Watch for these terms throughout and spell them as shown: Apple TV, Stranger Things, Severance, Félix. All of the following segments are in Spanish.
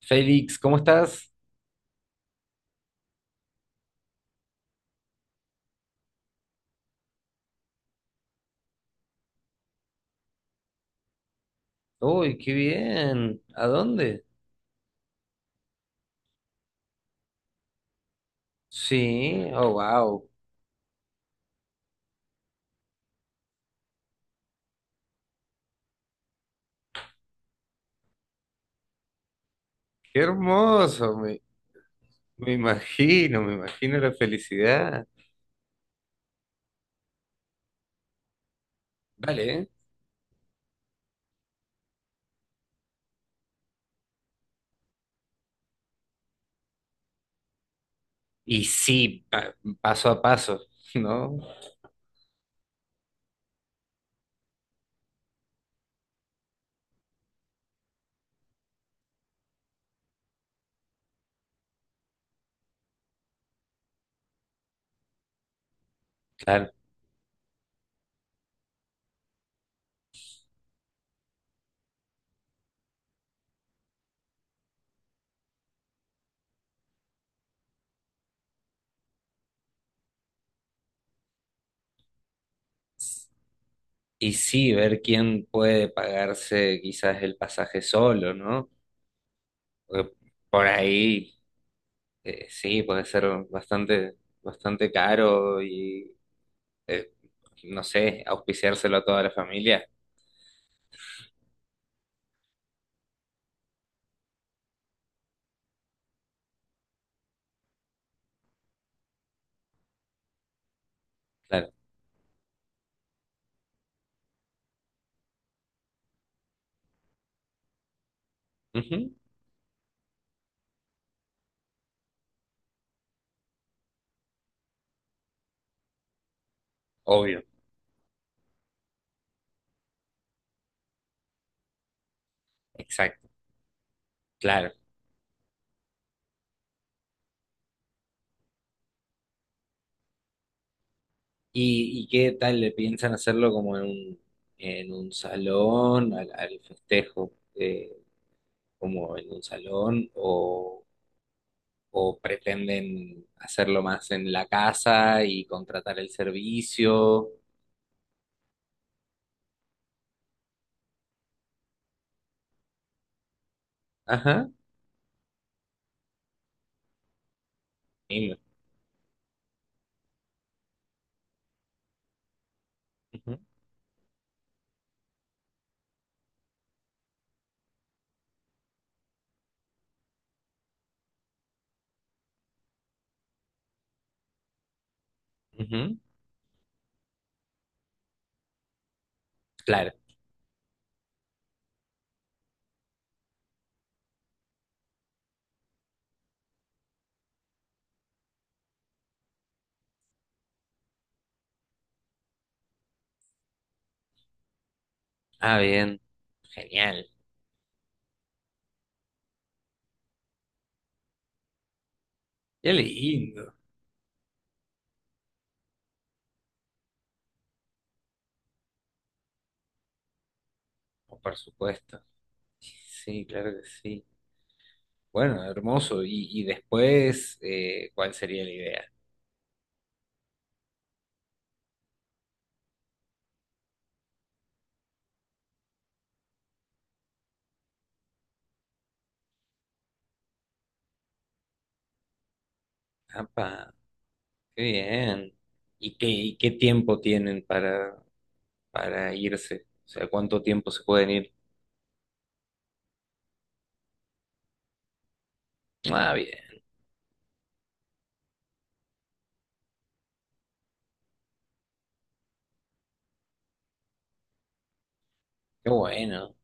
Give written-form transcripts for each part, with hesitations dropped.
Félix, ¿cómo estás? Uy, qué bien. ¿A dónde? Sí, oh, wow. Qué hermoso, me imagino la felicidad. Vale. Y sí, paso a paso, ¿no? Claro. Y sí, ver quién puede pagarse quizás el pasaje solo, ¿no? Porque por ahí, sí, puede ser bastante, bastante caro y, eh, no sé, auspiciárselo a toda la familia. Claro. Ujú. Obvio. Exacto, claro. Y qué tal le piensan hacerlo como en un salón, al, al festejo, como en un salón, o pretenden hacerlo más en la casa y contratar el servicio? Ajá, lindo. Ujú, ujú, claro. Ah, bien, genial. Qué lindo. Oh, por supuesto. Sí, claro que sí. Bueno, hermoso. Y después, ¿cuál sería la idea? Apa. Qué bien. Y qué tiempo tienen para irse? O sea, ¿cuánto tiempo se pueden ir? Ah, bien. Qué bueno.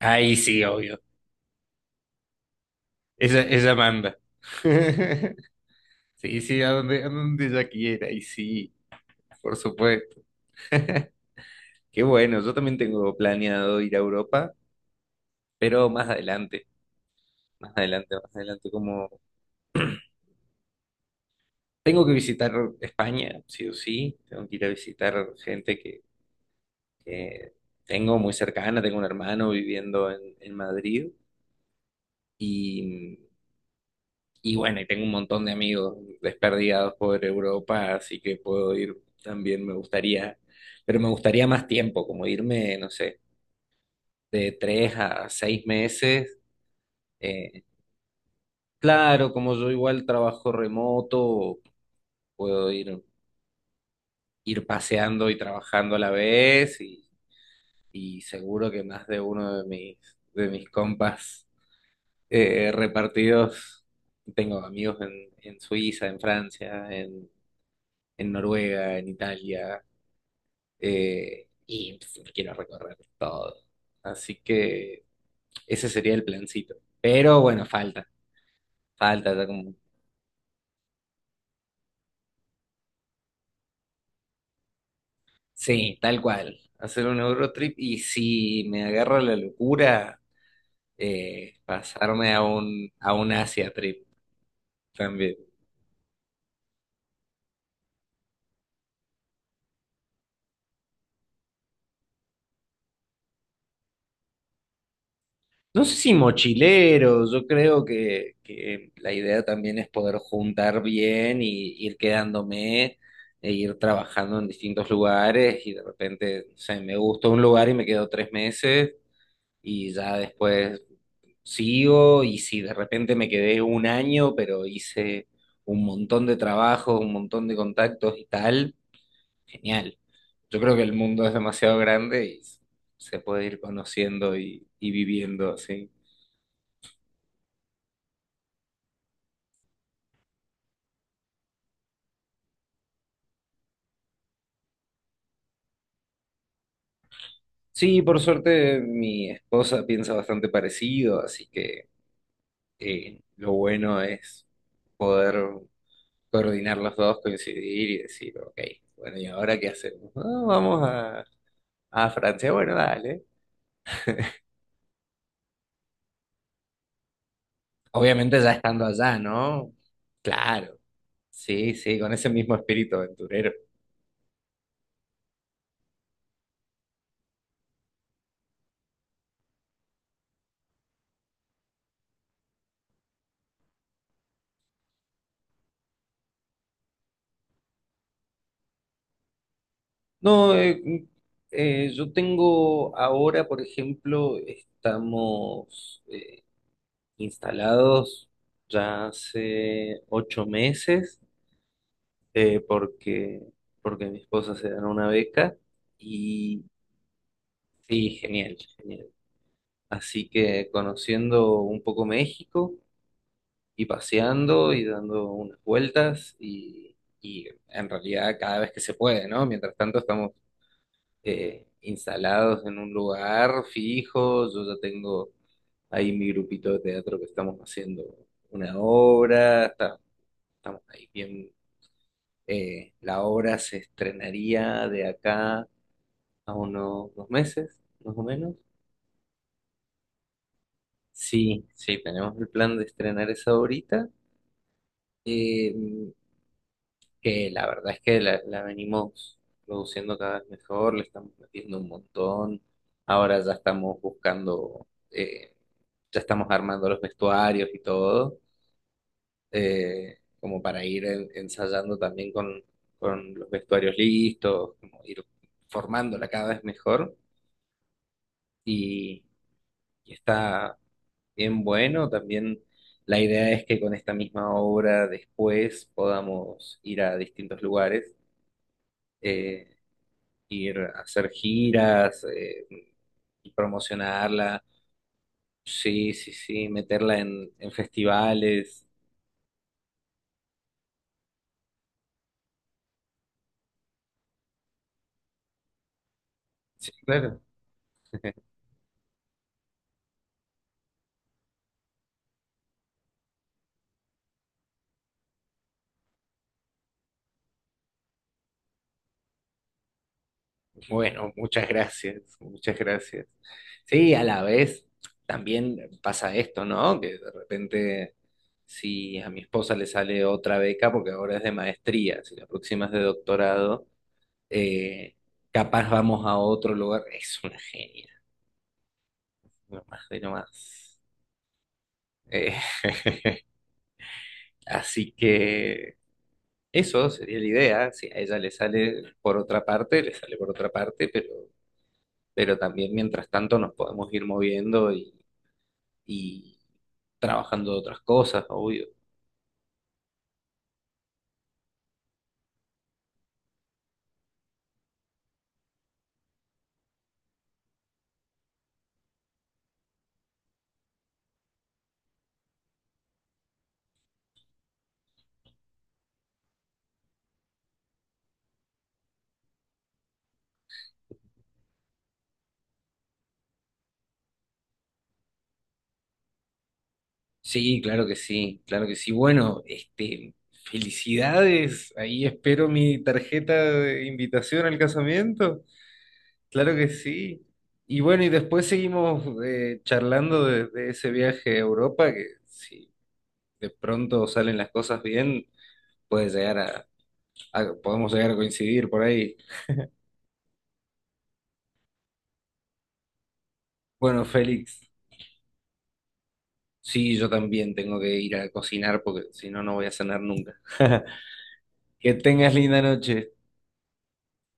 Ahí sí, obvio. Ella manda. Sí, sí, a donde ella quiera. Ahí sí, por supuesto. Qué bueno. Yo también tengo planeado ir a Europa, pero más adelante. Más adelante, más adelante. Como tengo que visitar España, sí o sí. Tengo que ir a visitar gente que que tengo muy cercana, tengo un hermano viviendo en Madrid y, y bueno, y tengo un montón de amigos desperdigados por Europa, así que puedo ir también, me gustaría, pero me gustaría más tiempo, como irme, no sé, de 3 a 6 meses. eh, claro, como yo igual trabajo remoto, puedo ir, ir paseando y trabajando a la vez y seguro que más de uno de mis compas repartidos. Tengo amigos en Suiza, en Francia, en Noruega, en Italia, y pues, me quiero recorrer todo. Así que ese sería el plancito. Pero bueno, falta, falta, está como- sí, tal cual. Hacer un Eurotrip y si me agarra la locura, pasarme a un Asia Trip también. No sé si mochileros, yo creo que la idea también es poder juntar bien y ir quedándome e ir trabajando en distintos lugares y de repente, o sea, me gustó un lugar y me quedo 3 meses y ya después sigo y si de repente me quedé un año, pero hice un montón de trabajos, un montón de contactos y tal, genial. Yo creo que el mundo es demasiado grande y se puede ir conociendo y viviendo así. Sí, por suerte mi esposa piensa bastante parecido, así que lo bueno es poder coordinar los dos, coincidir y decir, ok, bueno, ¿y ahora qué hacemos? "Ah, vamos a Francia, bueno, dale. Obviamente ya estando allá, ¿no? Claro, sí, sí, con ese mismo espíritu aventurero. No, yo tengo ahora, por ejemplo, estamos... instalados ya hace 8 meses eh, porque, porque mi esposa se ganó una beca y sí, genial, genial. Así que conociendo un poco México y paseando y dando unas vueltas y en realidad cada vez que se puede, ¿no? Mientras tanto estamos instalados en un lugar fijo, yo ya tengo ahí mi grupito de teatro que estamos haciendo una obra, está estamos ahí bien. La obra se estrenaría de acá a unos 2 meses, más o menos. Sí, sí, tenemos el plan de estrenar esa ahorita, eh, que la verdad es que la venimos produciendo cada vez mejor, le estamos metiendo un montón. Ahora ya estamos buscando, ya estamos armando los vestuarios y todo. Como para ir ensayando también con los vestuarios listos, como ir formándola cada vez mejor y, y está bien bueno. También la idea es que con esta misma obra después podamos ir a distintos lugares, eh, ir a hacer giras, y promocionarla, sí, sí, sí, meterla en festivales. Sí, claro. Bueno, muchas gracias, muchas gracias. Sí, a la vez también pasa esto, ¿no? Que de repente, si a mi esposa le sale otra beca, porque ahora es de maestría, si la próxima es de doctorado, eh, capaz vamos a otro lugar. Es una genia, no más de no más. Eh, Así que eso sería la idea. Si a ella le sale por otra parte, le sale por otra parte, pero también mientras tanto nos podemos ir moviendo y trabajando de otras cosas, obvio. Sí, claro que sí, claro que sí. Bueno, este, felicidades. Ahí espero mi tarjeta de invitación al casamiento. Claro que sí. Y bueno, y después seguimos charlando de ese viaje a Europa, que si de pronto salen las cosas bien, puede llegar a, podemos llegar a coincidir por ahí. Bueno, Félix, sí, yo también tengo que ir a cocinar porque si no, no voy a cenar nunca. Que tengas linda noche.